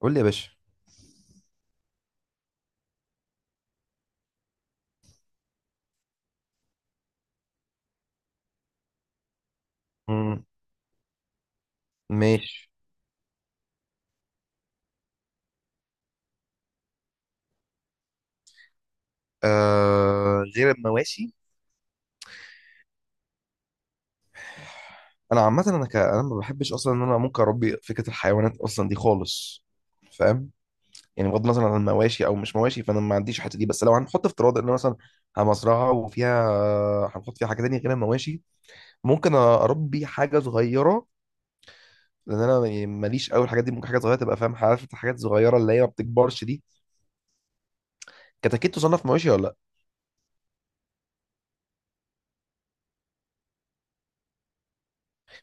قول لي يا باشا. مم. ماشي. آه غير المواشي. انا عامه انا ما بحبش اصلا ان انا ممكن اربي فكره الحيوانات اصلا دي خالص. فاهم. يعني بغض النظر عن المواشي او مش مواشي فانا ما عنديش الحته دي، بس لو هنحط افتراض ان أنا مثلا مزرعه وفيها، هنحط فيها حاجه تانية غير المواشي. ممكن اربي حاجه صغيره لان انا يعني ماليش قوي الحاجات دي. ممكن حاجه صغيره تبقى فاهم، عارف انت حاجات صغيره اللي هي ما بتكبرش دي. كتاكيت تصنف مواشي ولا لا؟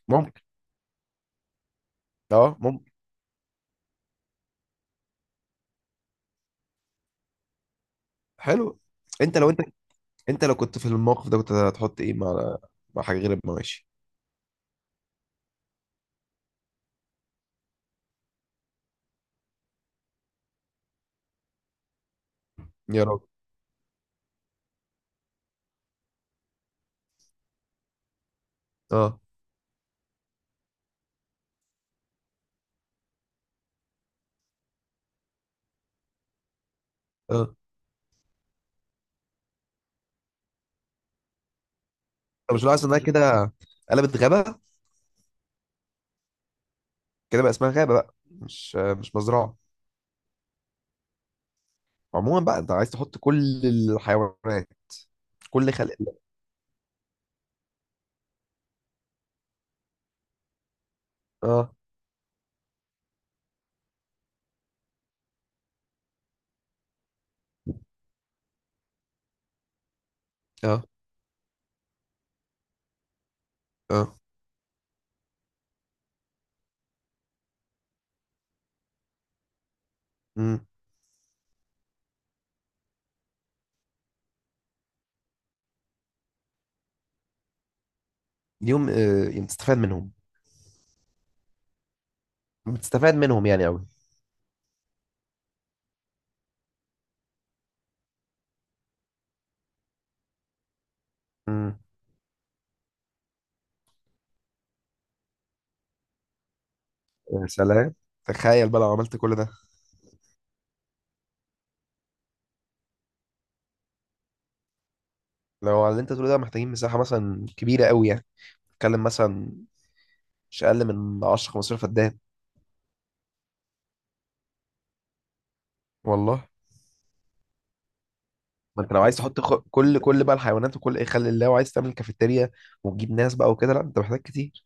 ممكن. اه ممكن. حلو. انت لو انت، انت لو كنت في الموقف ده كنت هتحط ايه مع، مع حاجه غير المواشي؟ يا راجل. اه. اه. انت مش لاحظ انها كده قلبت غابه؟ كده بقى اسمها غابه بقى مش مزرعه. عموما بقى انت عايز تحط كل الحيوانات. كل خلق الله. اه. اه. اه. امم. اليوم آه يوم تستفاد منهم. بتستفاد منهم يعني قوي. امم. يا سلام. تخيل بقى لو عملت كل ده. لو على اللي انت تقوله ده محتاجين مساحه مثلا كبيره قوي يعني، نتكلم مثلا مش اقل من 10 15 فدان. والله. ما انت لو عايز تحط خ... كل كل بقى الحيوانات وكل ايه خلي الله وعايز تعمل كافيتيريا وتجيب ناس بقى وكده، لا انت محتاج كتير.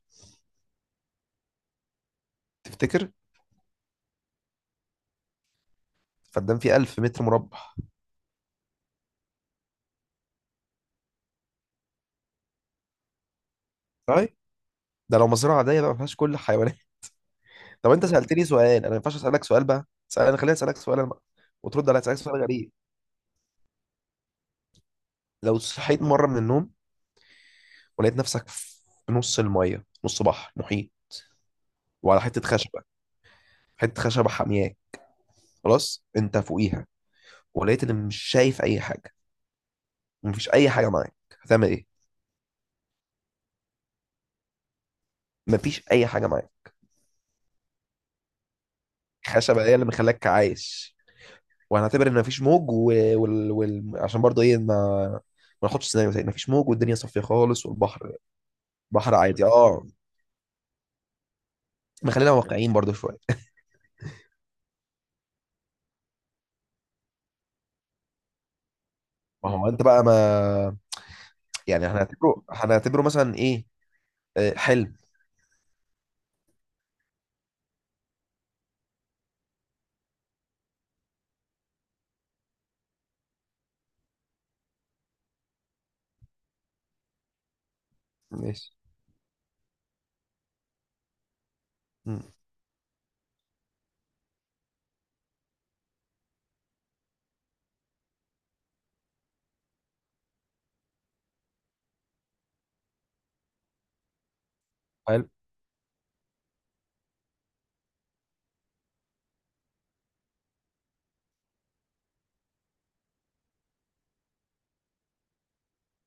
تفتكر؟ فدان فيه 1,000 متر مربع. طيب ده لو مزرعه عاديه بقى ما فيهاش كل الحيوانات. طب انت سالتني سؤال، انا ما ينفعش اسالك سؤال بقى؟ انا خليني اسالك سؤال انا بقى وترد عليا. اسالك سؤال غريب. لو صحيت مره من النوم ولقيت نفسك في نص الميه، نص بحر محيط، وعلى حته خشبه، حته خشبه حامياك، خلاص انت فوقيها، ولقيت ان مش شايف اي حاجه، مفيش اي حاجه معاك، هتعمل ايه؟ مفيش اي حاجه معاك. خشبه هي اللي مخلاك عايش. وهنعتبر ان مفيش موج. عشان برضه ايه، ما ناخدش سيناريو تاني، مفيش موج والدنيا صافيه خالص والبحر بحر عادي. اه. نخلينا واقعيين برضه شويه. ما هو انت بقى ما، يعني هنعتبره مثلا ايه، آه، حلم. ماشي. مم. حلو.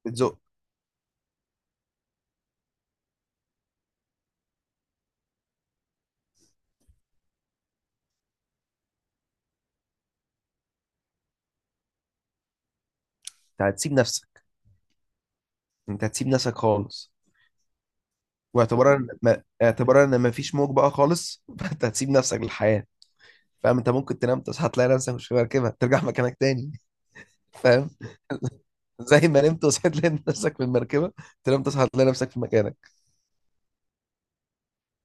بتزق. انت هتسيب نفسك، انت هتسيب نفسك خالص. واعتبارا ان ما... اعتبارا ان مفيش موج بقى خالص فانت هتسيب نفسك للحياه. فاهم. انت ممكن تنام تصحى تلاقي نفسك مش في مركبه، ترجع مكانك تاني. فاهم. زي ما نمت وصحيت لقيت نفسك في المركبه، تنام تصحى تلاقي نفسك في مكانك.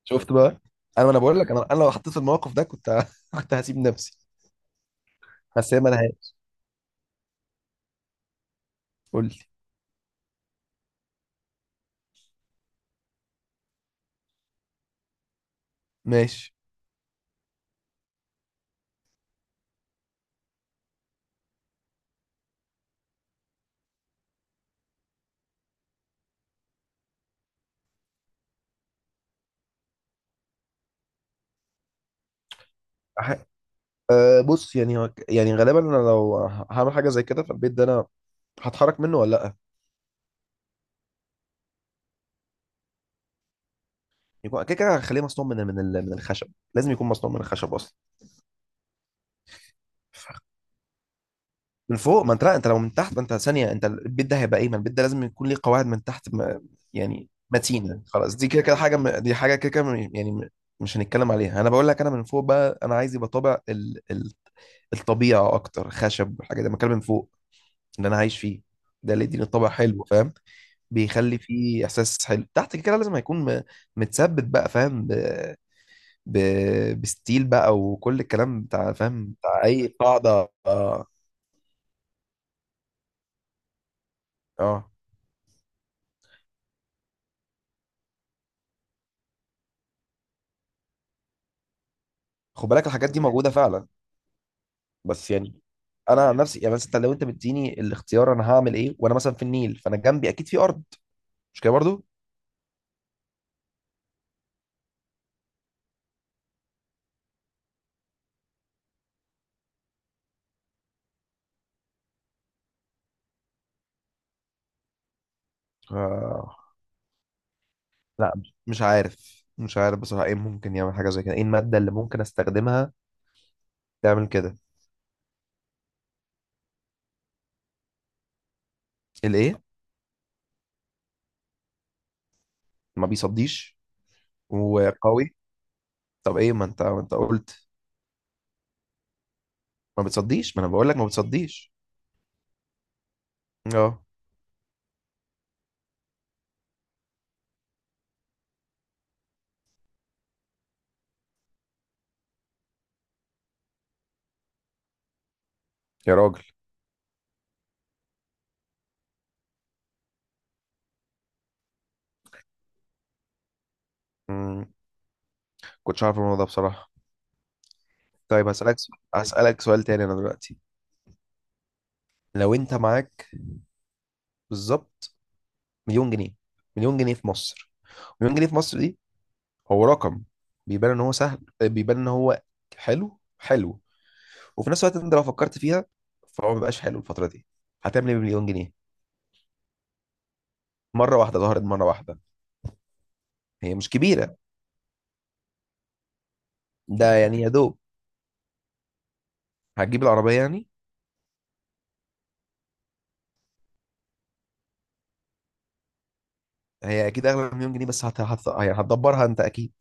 شفت بقى. انا بقول لك، انا لو حطيت في الموقف ده كنت كنت هسيب نفسي. بس هي ملهاش. قول لي. ماشي. أح... أه بص، يعني يعني غالبا انا لو هعمل حاجه زي كده في البيت ده، انا هتحرك منه ولا لا؟ يكون كده كده هخليه مصنوع من الخشب. لازم يكون مصنوع من الخشب اصلا. من فوق، ما انت لا انت لو من تحت، ما انت ثانيه، انت البيت ده هيبقى ايه، ما البيت ده لازم يكون ليه قواعد من تحت ما. يعني متينه خلاص، دي كده كده حاجه دي حاجه كده كده يعني مش هنتكلم عليها. انا بقول لك انا من فوق بقى، انا عايز يبقى طابع الطبيعه اكتر. خشب والحاجه دي بتكلم من فوق اللي انا عايش فيه، ده اللي يديني طابع حلو فاهم. بيخلي فيه احساس حلو. تحت كده كده لازم متثبت بقى، فاهم، ب... بستيل بقى، وكل الكلام بتاع فاهم بتاع اي قاعده. اه. اه. خد بالك الحاجات دي موجوده فعلا، بس يعني انا عن نفسي يعني، بس انت لو انت مديني الاختيار انا هعمل ايه وانا مثلا في النيل، فانا جنبي اكيد في ارض. مش كده برضو. آه. لا. مش عارف، مش عارف بصراحه ايه ممكن يعمل حاجه زي كده، ايه الماده اللي ممكن استخدمها تعمل كده؟ الايه؟ ما بيصديش. وقوي. طب ايه؟ ما انت قلت ما بتصديش، ما انا بقول لك ما بتصديش. اه. يا راجل. مم. كنتش عارف الموضوع ده بصراحه. طيب هسألك سؤال تاني انا دلوقتي. لو انت معاك بالظبط مليون جنيه، مليون جنيه في مصر، مليون جنيه في مصر دي هو رقم، بيبان ان هو سهل، بيبان ان هو حلو، حلو، وفي نفس الوقت انت لو فكرت فيها فهو مبقاش حلو الفترة دي. هتعمل ايه بمليون جنيه؟ مرة واحدة ظهرت مرة واحدة، هي مش كبيرة. ده يعني يا دوب. هتجيب العربية يعني. هي اكيد اغلى من مليون جنيه، يعني هتدبرها انت اكيد.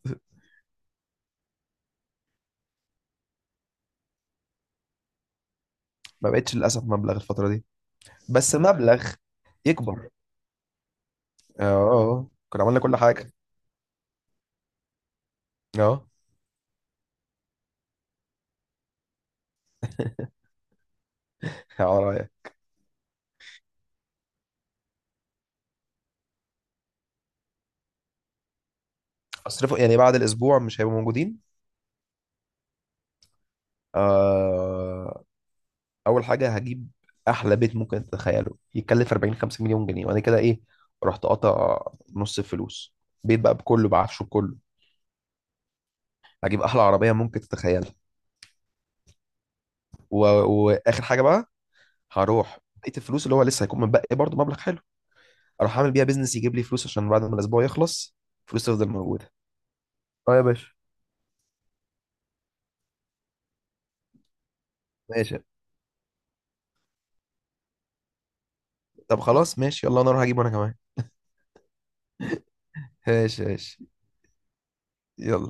ما بقتش للاسف مبلغ الفترة دي، بس مبلغ يكبر. اه. آه. آه. كنا عملنا كل حاجة. اه. على رأيك. اصرفه يعني، بعد الاسبوع مش هيبقوا موجودين. آه. اول حاجه هجيب احلى بيت ممكن تتخيله يتكلف 40 50 مليون جنيه. وانا كده ايه، رحت قاطع نص الفلوس. بيت بقى بكله، بعفشه بكله. هجيب احلى عربيه ممكن تتخيلها. و... واخر حاجه بقى، هروح بقيه الفلوس اللي هو لسه هيكون متبقي برضه مبلغ حلو، اروح اعمل بيها بيزنس يجيب لي فلوس عشان بعد ما الاسبوع يخلص فلوس تفضل موجوده. اه يا باشا. ماشي. طب خلاص ماشي. يلا انا اروح اجيب وانا كمان. ماشي ماشي. يلا.